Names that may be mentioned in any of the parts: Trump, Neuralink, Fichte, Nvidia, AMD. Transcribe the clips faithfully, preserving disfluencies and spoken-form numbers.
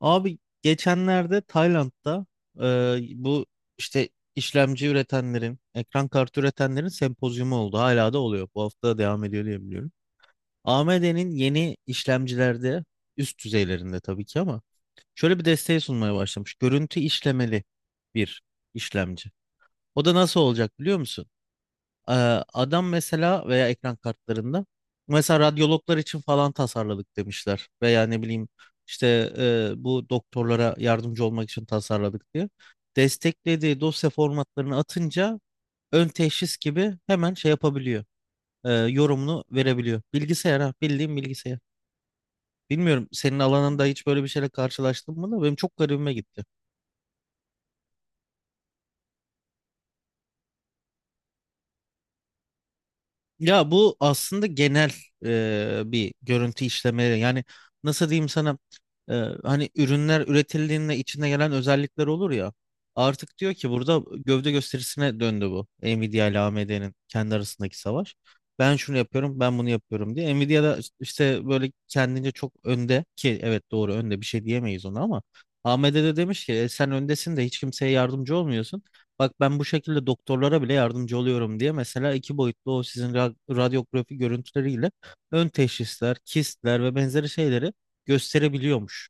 Abi geçenlerde Tayland'da e, bu işte işlemci üretenlerin, ekran kartı üretenlerin sempozyumu oldu. Hala da oluyor. Bu hafta devam ediyor diye biliyorum. A M D'nin yeni işlemcilerde üst düzeylerinde tabii ki ama şöyle bir desteği sunmaya başlamış. Görüntü işlemeli bir işlemci. O da nasıl olacak biliyor musun? Ee, Adam mesela veya ekran kartlarında mesela radyologlar için falan tasarladık demişler veya ne bileyim işte e, bu doktorlara yardımcı olmak için tasarladık diye desteklediği dosya formatlarını atınca ön teşhis gibi hemen şey yapabiliyor, e, yorumunu verebiliyor bilgisayar. Ha, bildiğim bilgisayar, bilmiyorum senin alanında hiç böyle bir şeyle karşılaştın mı da benim çok garibime gitti. Ya bu aslında genel e, bir görüntü işleme. Yani nasıl diyeyim sana, e, hani ürünler üretildiğinde içinde gelen özellikler olur ya. Artık diyor ki burada gövde gösterisine döndü bu. Nvidia ile A M D'nin kendi arasındaki savaş. Ben şunu yapıyorum, ben bunu yapıyorum diye. Nvidia da işte işte böyle kendince çok önde ki evet doğru, önde bir şey diyemeyiz ona, ama A M D de demiş ki "E, sen öndesin de hiç kimseye yardımcı olmuyorsun. Bak ben bu şekilde doktorlara bile yardımcı oluyorum" diye. Mesela iki boyutlu o sizin ra- radyografi görüntüleriyle ön teşhisler, kistler ve benzeri şeyleri gösterebiliyormuş.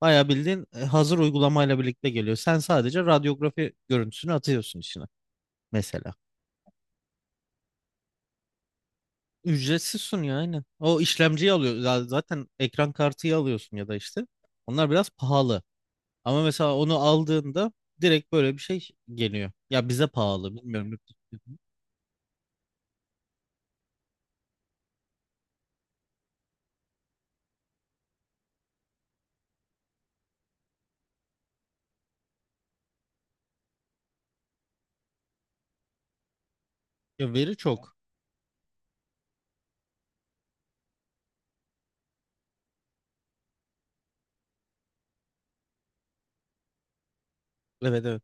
Bayağı bildiğin e, hazır uygulamayla birlikte geliyor. Sen sadece radyografi görüntüsünü atıyorsun içine mesela. Ücretsiz sunuyor aynen. O işlemciyi alıyor. za- Zaten ekran kartıyı alıyorsun ya da işte. Onlar biraz pahalı. Ama mesela onu aldığında direkt böyle bir şey geliyor. Ya bize pahalı, bilmiyorum. Ya veri çok. Evet, evet.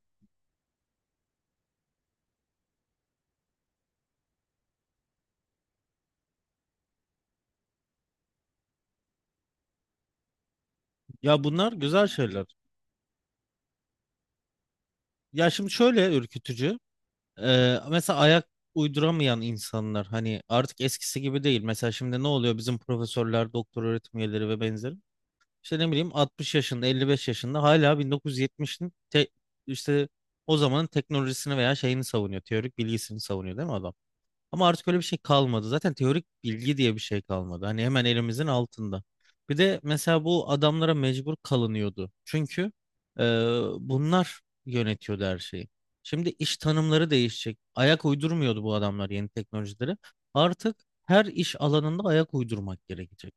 Ya bunlar güzel şeyler. Ya şimdi şöyle ürkütücü. Ee, mesela ayak uyduramayan insanlar hani artık eskisi gibi değil. Mesela şimdi ne oluyor, bizim profesörler, doktor öğretim üyeleri ve benzeri. İşte ne bileyim altmış yaşında, elli beş yaşında hala bin dokuz yüz yetmişin te- işte o zamanın teknolojisini veya şeyini savunuyor. Teorik bilgisini savunuyor, değil mi adam? Ama artık öyle bir şey kalmadı. Zaten teorik bilgi diye bir şey kalmadı. Hani hemen elimizin altında. Bir de mesela bu adamlara mecbur kalınıyordu. Çünkü e, bunlar yönetiyordu her şeyi. Şimdi iş tanımları değişecek. Ayak uydurmuyordu bu adamlar yeni teknolojileri. Artık her iş alanında ayak uydurmak gerekecek.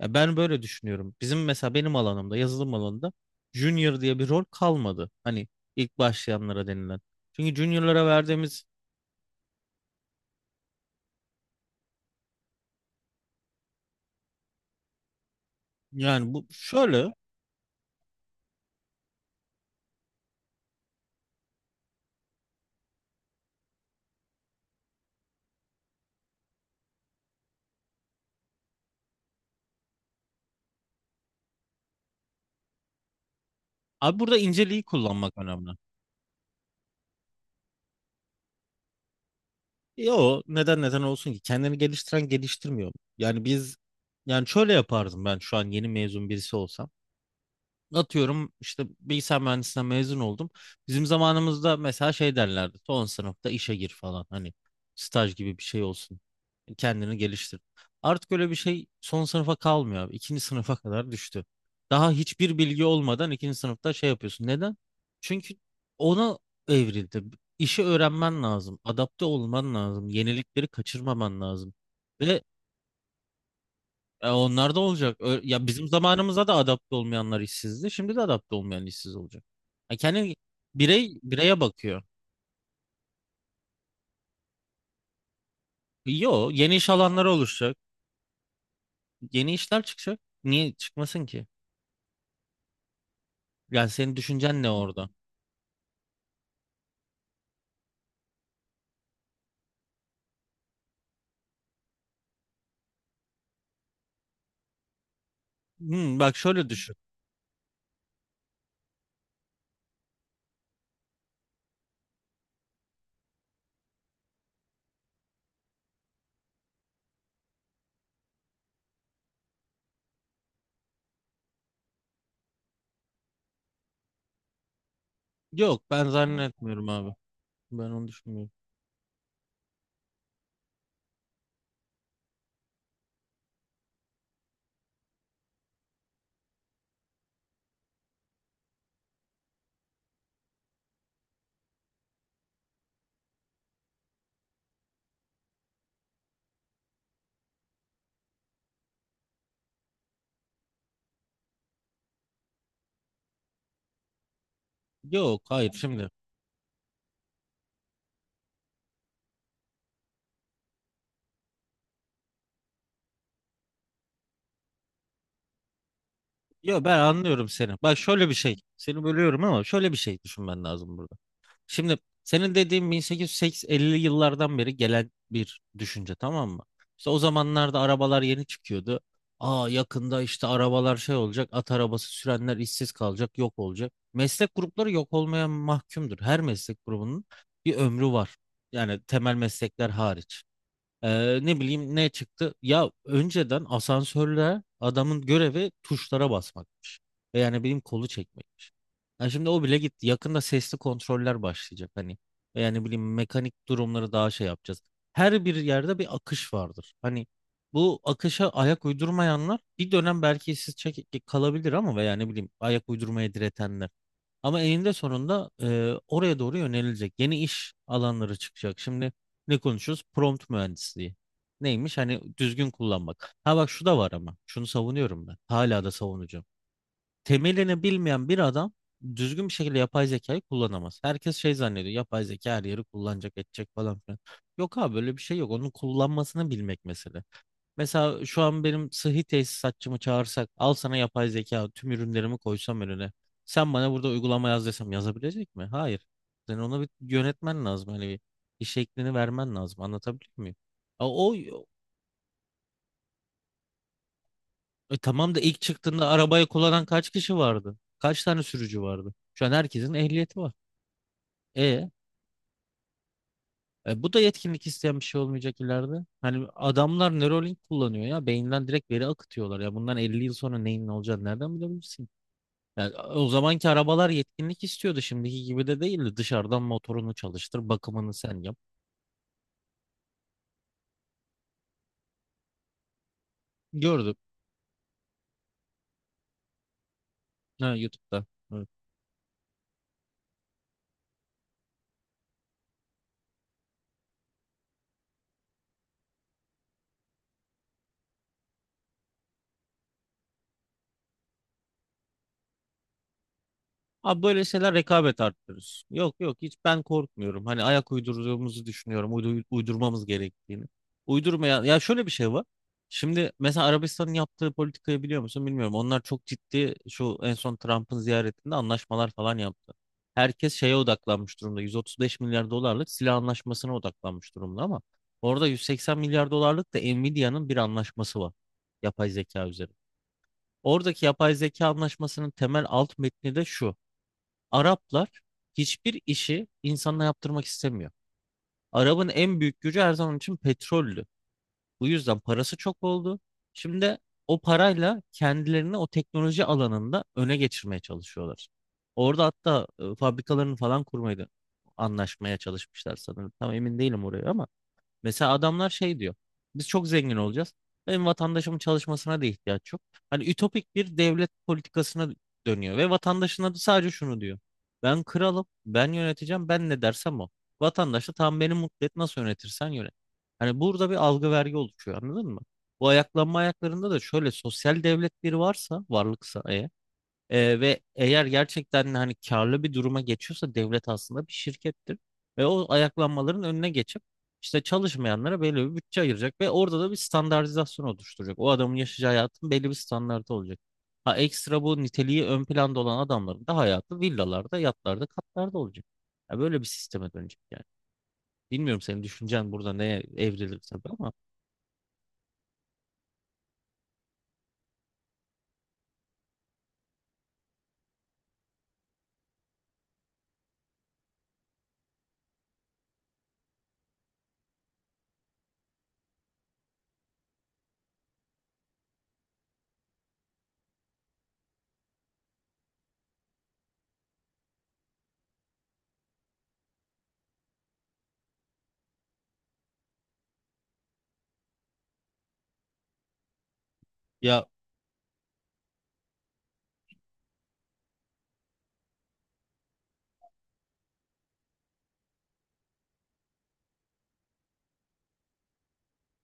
Ya ben böyle düşünüyorum. Bizim mesela benim alanımda, yazılım alanında junior diye bir rol kalmadı. Hani ilk başlayanlara denilen. Çünkü juniorlara verdiğimiz yani bu şöyle Abi burada inceliği kullanmak önemli. Yo, neden neden olsun ki? Kendini geliştiren geliştirmiyor. Yani biz Yani şöyle yapardım ben, şu an yeni mezun birisi olsam. Atıyorum işte bilgisayar mühendisliğinden mezun oldum. Bizim zamanımızda mesela şey derlerdi. Son sınıfta işe gir falan. Hani staj gibi bir şey olsun. Kendini geliştir. Artık öyle bir şey son sınıfa kalmıyor abi. İkinci sınıfa kadar düştü. Daha hiçbir bilgi olmadan ikinci sınıfta şey yapıyorsun. Neden? Çünkü ona evrildi. İşi öğrenmen lazım. Adapte olman lazım. Yenilikleri kaçırmaman lazım. Ve e, onlar da olacak. Ö- Ya bizim zamanımıza da adapte olmayanlar işsizdi. Şimdi de adapte olmayan işsiz olacak. Ya kendi birey bireye bakıyor. Yo, yeni iş alanları oluşacak. Yeni işler çıkacak. Niye çıkmasın ki? Yani senin düşüncen ne orada? Hmm, bak şöyle düşün. Yok, ben zannetmiyorum abi. Ben onu düşünmüyorum. Yok, hayır şimdi. Yok, ben anlıyorum seni. Bak şöyle bir şey. Seni bölüyorum ama şöyle bir şey düşünmen lazım burada. Şimdi senin dediğin bin sekiz yüz elli'li yıllardan beri gelen bir düşünce, tamam mı? İşte o zamanlarda arabalar yeni çıkıyordu. Aa, yakında işte arabalar şey olacak, at arabası sürenler işsiz kalacak, yok olacak. Meslek grupları yok olmaya mahkumdur. Her meslek grubunun bir ömrü var. Yani temel meslekler hariç. Ee, ne bileyim ne çıktı? Ya önceden asansörler, adamın görevi tuşlara basmakmış. Ve yani benim kolu çekmekmiş. Yani şimdi o bile gitti. Yakında sesli kontroller başlayacak hani. Ve yani bileyim mekanik durumları daha şey yapacağız. Her bir yerde bir akış vardır. Hani bu akışa ayak uydurmayanlar bir dönem belki işsiz çek- kalabilir, ama ve yani bileyim ayak uydurmaya diretenler. Ama eninde sonunda e, oraya doğru yönelilecek. Yeni iş alanları çıkacak. Şimdi ne konuşuyoruz? Prompt mühendisliği. Neymiş? Hani düzgün kullanmak. Ha bak, şu da var ama. Şunu savunuyorum ben. Hala da savunacağım. Temelini bilmeyen bir adam düzgün bir şekilde yapay zekayı kullanamaz. Herkes şey zannediyor. Yapay zeka her yeri kullanacak, edecek falan filan. Yok abi, böyle bir şey yok. Onun kullanmasını bilmek mesele. Mesela şu an benim sıhhi tesisatçımı çağırsak, al sana yapay zeka, tüm ürünlerimi koysam önüne. Sen bana burada uygulama yaz desem, yazabilecek mi? Hayır. Sen ona bir yönetmen lazım. Hani bir iş şeklini vermen lazım. Anlatabiliyor muyum? A, o e, tamam da ilk çıktığında arabayı kullanan kaç kişi vardı? Kaç tane sürücü vardı? Şu an herkesin ehliyeti var. E, e, bu da yetkinlik isteyen bir şey olmayacak ileride. Hani adamlar Neuralink kullanıyor ya. Beyinden direkt veri akıtıyorlar. Ya bundan elli yıl sonra neyin ne olacağını nereden bilebilirsin? Yani o zamanki arabalar yetkinlik istiyordu. Şimdiki gibi de değildi. Dışarıdan motorunu çalıştır, bakımını sen yap. Gördüm. Ha, YouTube'da. Abi böyle şeyler rekabet arttırır. Yok yok, hiç ben korkmuyorum. Hani ayak uydurduğumuzu düşünüyorum. Uydu- uydurmamız gerektiğini. Uydurmaya ya şöyle bir şey var. Şimdi mesela Arabistan'ın yaptığı politikayı biliyor musun bilmiyorum. Onlar çok ciddi şu en son Trump'ın ziyaretinde anlaşmalar falan yaptı. Herkes şeye odaklanmış durumda. yüz otuz beş milyar dolarlık silah anlaşmasına odaklanmış durumda, ama orada yüz seksen milyar dolarlık da Nvidia'nın bir anlaşması var. Yapay zeka üzerine. Oradaki yapay zeka anlaşmasının temel alt metni de şu. Araplar hiçbir işi insanla yaptırmak istemiyor. Arabın en büyük gücü her zaman için petrollü. Bu yüzden parası çok oldu. Şimdi de o parayla kendilerini o teknoloji alanında öne geçirmeye çalışıyorlar. Orada hatta e, fabrikalarını falan kurmaydı anlaşmaya çalışmışlar sanırım. Tam emin değilim oraya ama mesela adamlar şey diyor. Biz çok zengin olacağız. Benim vatandaşımın çalışmasına da ihtiyaç yok. Hani ütopik bir devlet politikasına dönüyor ve vatandaşına da sadece şunu diyor. Ben kralım, ben yöneteceğim, ben ne dersem o. Vatandaş da tam beni mutlu et, nasıl yönetirsen yönet. Hani burada bir algı vergi oluşuyor, anladın mı? Bu ayaklanma ayaklarında da şöyle, sosyal devletleri varsa, varlıksa eğer ee, ve eğer gerçekten hani karlı bir duruma geçiyorsa, devlet aslında bir şirkettir. Ve o ayaklanmaların önüne geçip işte çalışmayanlara belli bir bütçe ayıracak ve orada da bir standartizasyon oluşturacak. O adamın yaşayacağı hayatın belli bir standartı olacak. Ha, ekstra bu niteliği ön planda olan adamların da hayatı villalarda, yatlarda, katlarda olacak. Ya böyle bir sisteme dönecek yani. Bilmiyorum senin düşüncen burada neye evrilir tabii ama ya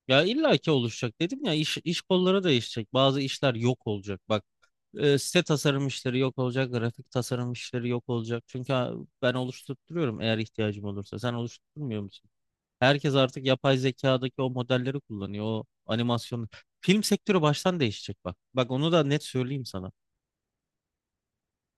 ya illaki oluşacak dedim ya, iş iş kolları değişecek. Bazı işler yok olacak. Bak, E, site tasarım işleri yok olacak, grafik tasarım işleri yok olacak. Çünkü ha, ben oluşturtuyorum eğer ihtiyacım olursa. Sen oluşturmuyor musun? Herkes artık yapay zekadaki o modelleri kullanıyor, o animasyonu. Film sektörü baştan değişecek bak. Bak onu da net söyleyeyim sana.